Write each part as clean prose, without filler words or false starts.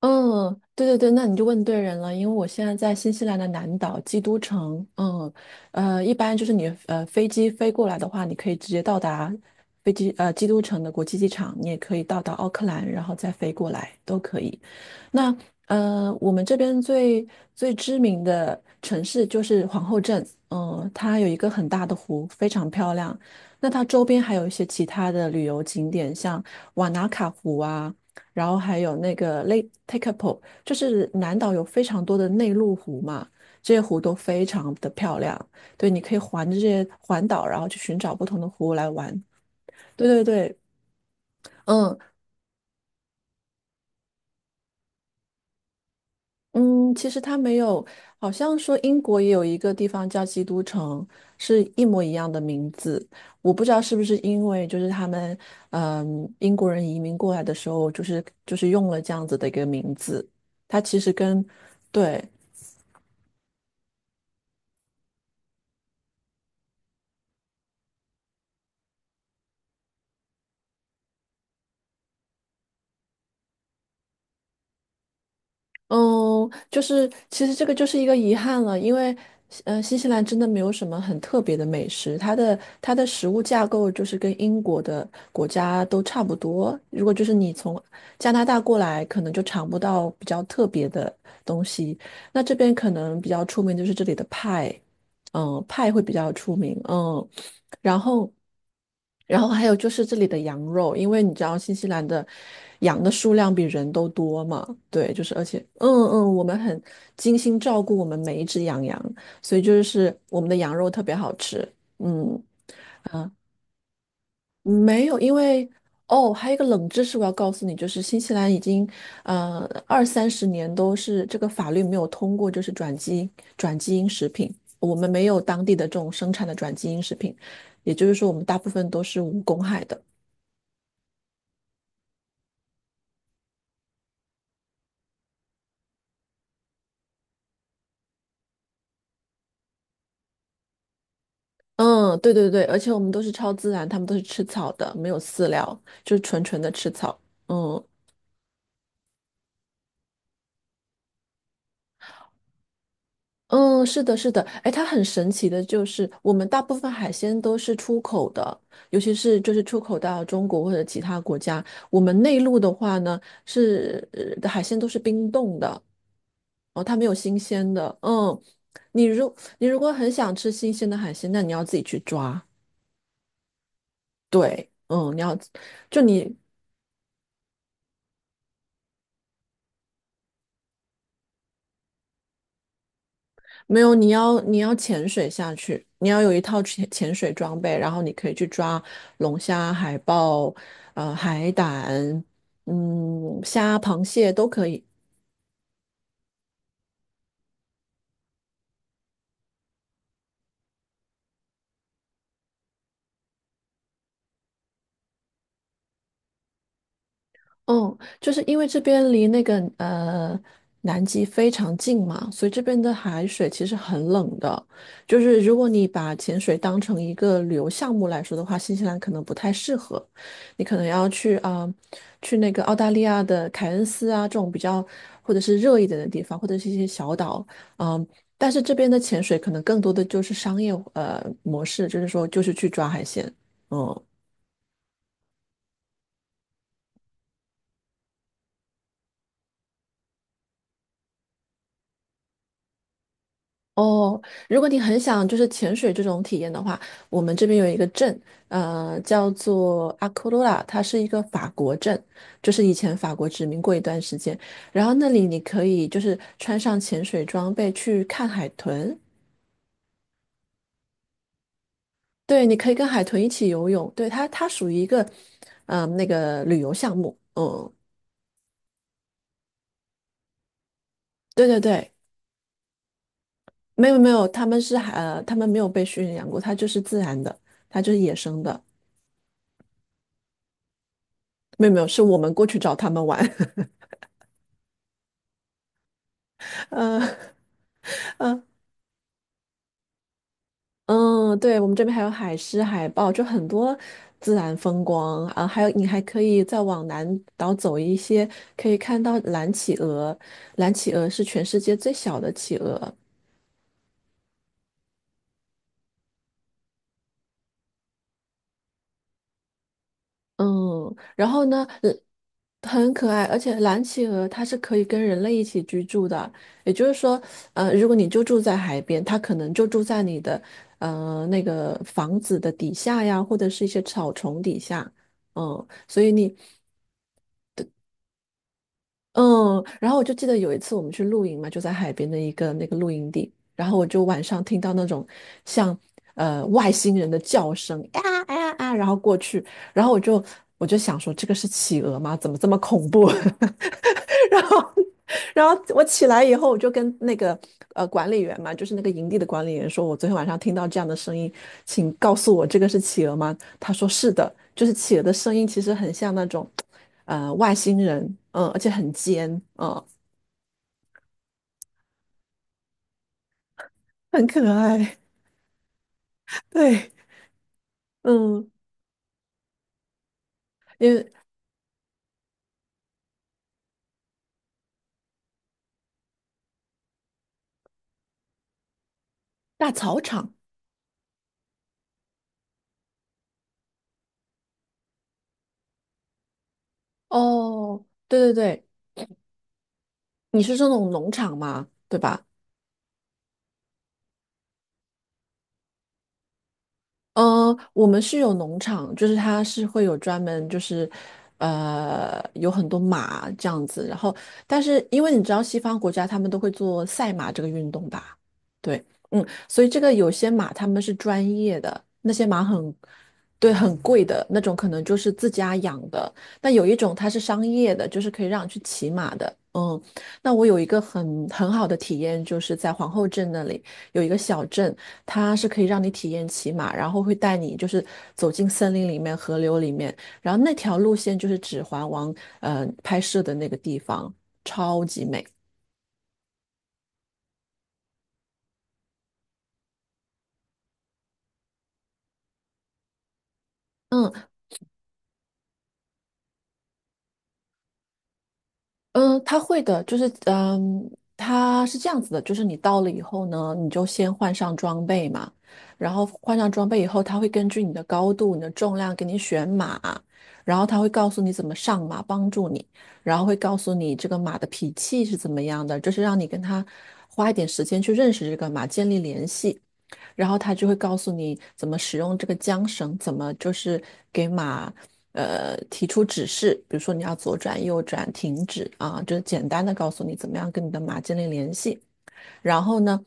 嗯，对对对，那你就问对人了，因为我现在在新西兰的南岛基督城，一般就是你飞机飞过来的话，你可以直接到达基督城的国际机场，你也可以到达奥克兰，然后再飞过来都可以。那我们这边最知名的城市就是皇后镇，它有一个很大的湖，非常漂亮。那它周边还有一些其他的旅游景点，像瓦纳卡湖啊。然后还有那个 Lake Tekapo，就是南岛有非常多的内陆湖嘛，这些湖都非常的漂亮。对，你可以环着这些环岛，然后去寻找不同的湖来玩。对对对，嗯嗯，其实它没有，好像说英国也有一个地方叫基督城，是一模一样的名字。我不知道是不是因为就是他们，英国人移民过来的时候，就是用了这样子的一个名字。它其实跟，对，嗯，就是其实这个就是一个遗憾了，因为新西兰真的没有什么很特别的美食，它的食物架构就是跟英国的国家都差不多。如果就是你从加拿大过来，可能就尝不到比较特别的东西。那这边可能比较出名就是这里的派，派会比较出名，然后，然后还有就是这里的羊肉，因为你知道新西兰的羊的数量比人都多嘛，对，就是而且，我们很精心照顾我们每一只羊羊，所以就是我们的羊肉特别好吃，嗯。没有，因为哦，还有一个冷知识我要告诉你，就是新西兰已经呃二三十年都是这个法律没有通过，就是转基因食品，我们没有当地的这种生产的转基因食品，也就是说我们大部分都是无公害的。嗯，对对对，而且我们都是超自然，他们都是吃草的，没有饲料，就是纯纯的吃草。嗯，嗯，是的，是的，哎，它很神奇的，就是我们大部分海鲜都是出口的，尤其是就是出口到中国或者其他国家。我们内陆的话呢，是的海鲜都是冰冻的，哦，它没有新鲜的。嗯，你如你如果很想吃新鲜的海鲜，那你要自己去抓。对，你要就你没有，你要潜水下去，你要有一套潜水装备，然后你可以去抓龙虾、海豹、海胆、虾、螃蟹都可以。嗯，就是因为这边离那个南极非常近嘛，所以这边的海水其实很冷的。就是如果你把潜水当成一个旅游项目来说的话，新西兰可能不太适合，你可能要去啊、去那个澳大利亚的凯恩斯啊这种比较或者是热一点的地方，或者是一些小岛，嗯、但是这边的潜水可能更多的就是商业模式，就是说就是去抓海鲜，嗯。哦，如果你很想就是潜水这种体验的话，我们这边有一个镇，叫做阿库罗拉，它是一个法国镇，就是以前法国殖民过一段时间。然后那里你可以就是穿上潜水装备去看海豚，对，你可以跟海豚一起游泳，对，它属于一个，那个旅游项目，对对对，没有没有，他们没有被驯养过，它就是自然的，它就是野生的，没有没有，是我们过去找他们玩。嗯嗯嗯，对，我们这边还有海狮、海豹，就很多自然风光啊。还有，你还可以再往南岛走一些，可以看到蓝企鹅。蓝企鹅是全世界最小的企鹅。嗯，然后呢，很可爱，而且蓝企鹅它是可以跟人类一起居住的。也就是说，如果你就住在海边，它可能就住在你的那个房子的底下呀，或者是一些草丛底下。嗯，所以你嗯，然后我就记得有一次我们去露营嘛，就在海边的一个那个露营地，然后我就晚上听到那种像外星人的叫声，啊啊啊，然后过去，然后我就想说这个是企鹅吗？怎么这么恐怖？然后然后我起来以后，我就跟那个管理员嘛，就是那个营地的管理员说，我昨天晚上听到这样的声音，请告诉我这个是企鹅吗？他说是的，就是企鹅的声音其实很像那种，外星人，而且很尖，嗯，很可爱，对，嗯，因为大草场，哦，对对对，你是说那种农场吗？对吧？嗯，我们是有农场，就是它是会有专门就是，有很多马这样子。然后，但是因为你知道西方国家他们都会做赛马这个运动吧？对，所以这个有些马他们是专业的，那些马很，对，很贵的那种，可能就是自家养的。但有一种它是商业的，就是可以让你去骑马的。嗯，那我有一个很好的体验，就是在皇后镇那里有一个小镇。它是可以让你体验骑马，然后会带你就是走进森林里面、河流里面，然后那条路线就是《指环王》拍摄的那个地方，超级美。嗯。嗯，他会的，就是他是这样子的，就是你到了以后呢，你就先换上装备嘛，然后换上装备以后，他会根据你的高度、你的重量给你选马，然后他会告诉你怎么上马，帮助你，然后会告诉你这个马的脾气是怎么样的，就是让你跟他花一点时间去认识这个马，建立联系。然后他就会告诉你怎么使用这个缰绳，怎么就是给马提出指示，比如说你要左转、右转、停止啊，就是简单的告诉你怎么样跟你的马建立联系。然后呢？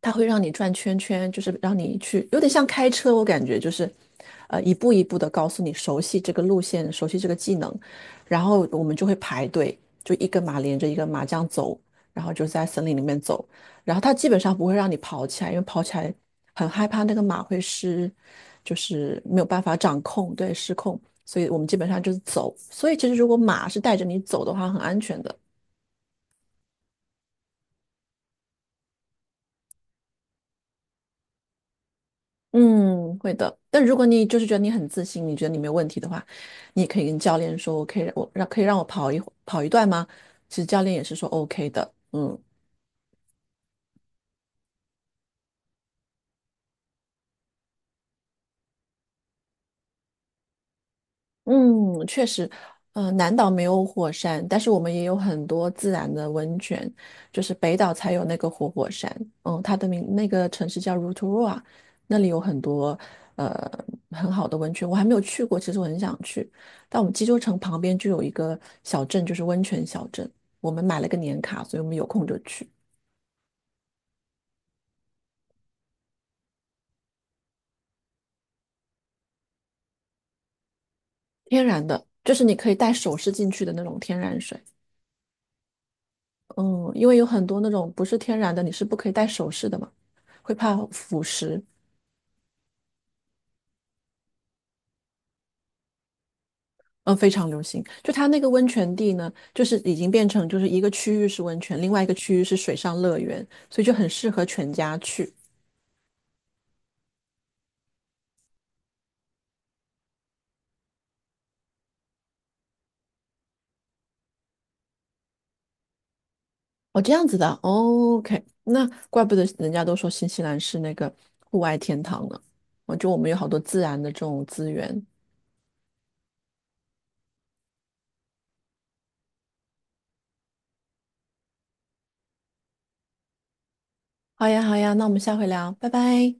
它会让你转圈圈，就是让你去，有点像开车，我感觉就是，一步一步的告诉你熟悉这个路线，熟悉这个技能，然后我们就会排队，就一个马连着一个马这样走，然后就在森林里面走，然后它基本上不会让你跑起来，因为跑起来很害怕那个马会失，就是没有办法掌控，对，失控，所以我们基本上就是走，所以其实如果马是带着你走的话，很安全的。嗯，会的。但如果你就是觉得你很自信，你觉得你没有问题的话，你也可以跟教练说，我可以我让可以让我跑一段吗？其实教练也是说 OK 的。嗯，嗯，确实，南岛没有火山，但是我们也有很多自然的温泉，就是北岛才有那个活火山，它的名那个城市叫 Rotorua，那里有很多呃很好的温泉，我还没有去过，其实我很想去。但我们济州城旁边就有一个小镇，就是温泉小镇，我们买了个年卡，所以我们有空就去，天然的，就是你可以带首饰进去的那种天然水。嗯，因为有很多那种不是天然的，你是不可以戴首饰的嘛，会怕腐蚀。嗯，非常流行。就它那个温泉地呢，就是已经变成就是一个区域是温泉，另外一个区域是水上乐园，所以就很适合全家去。哦，这样子的。哦 OK，那怪不得人家都说新西兰是那个户外天堂呢。我们有好多自然的这种资源。好呀，好呀，那我们下回聊，拜拜。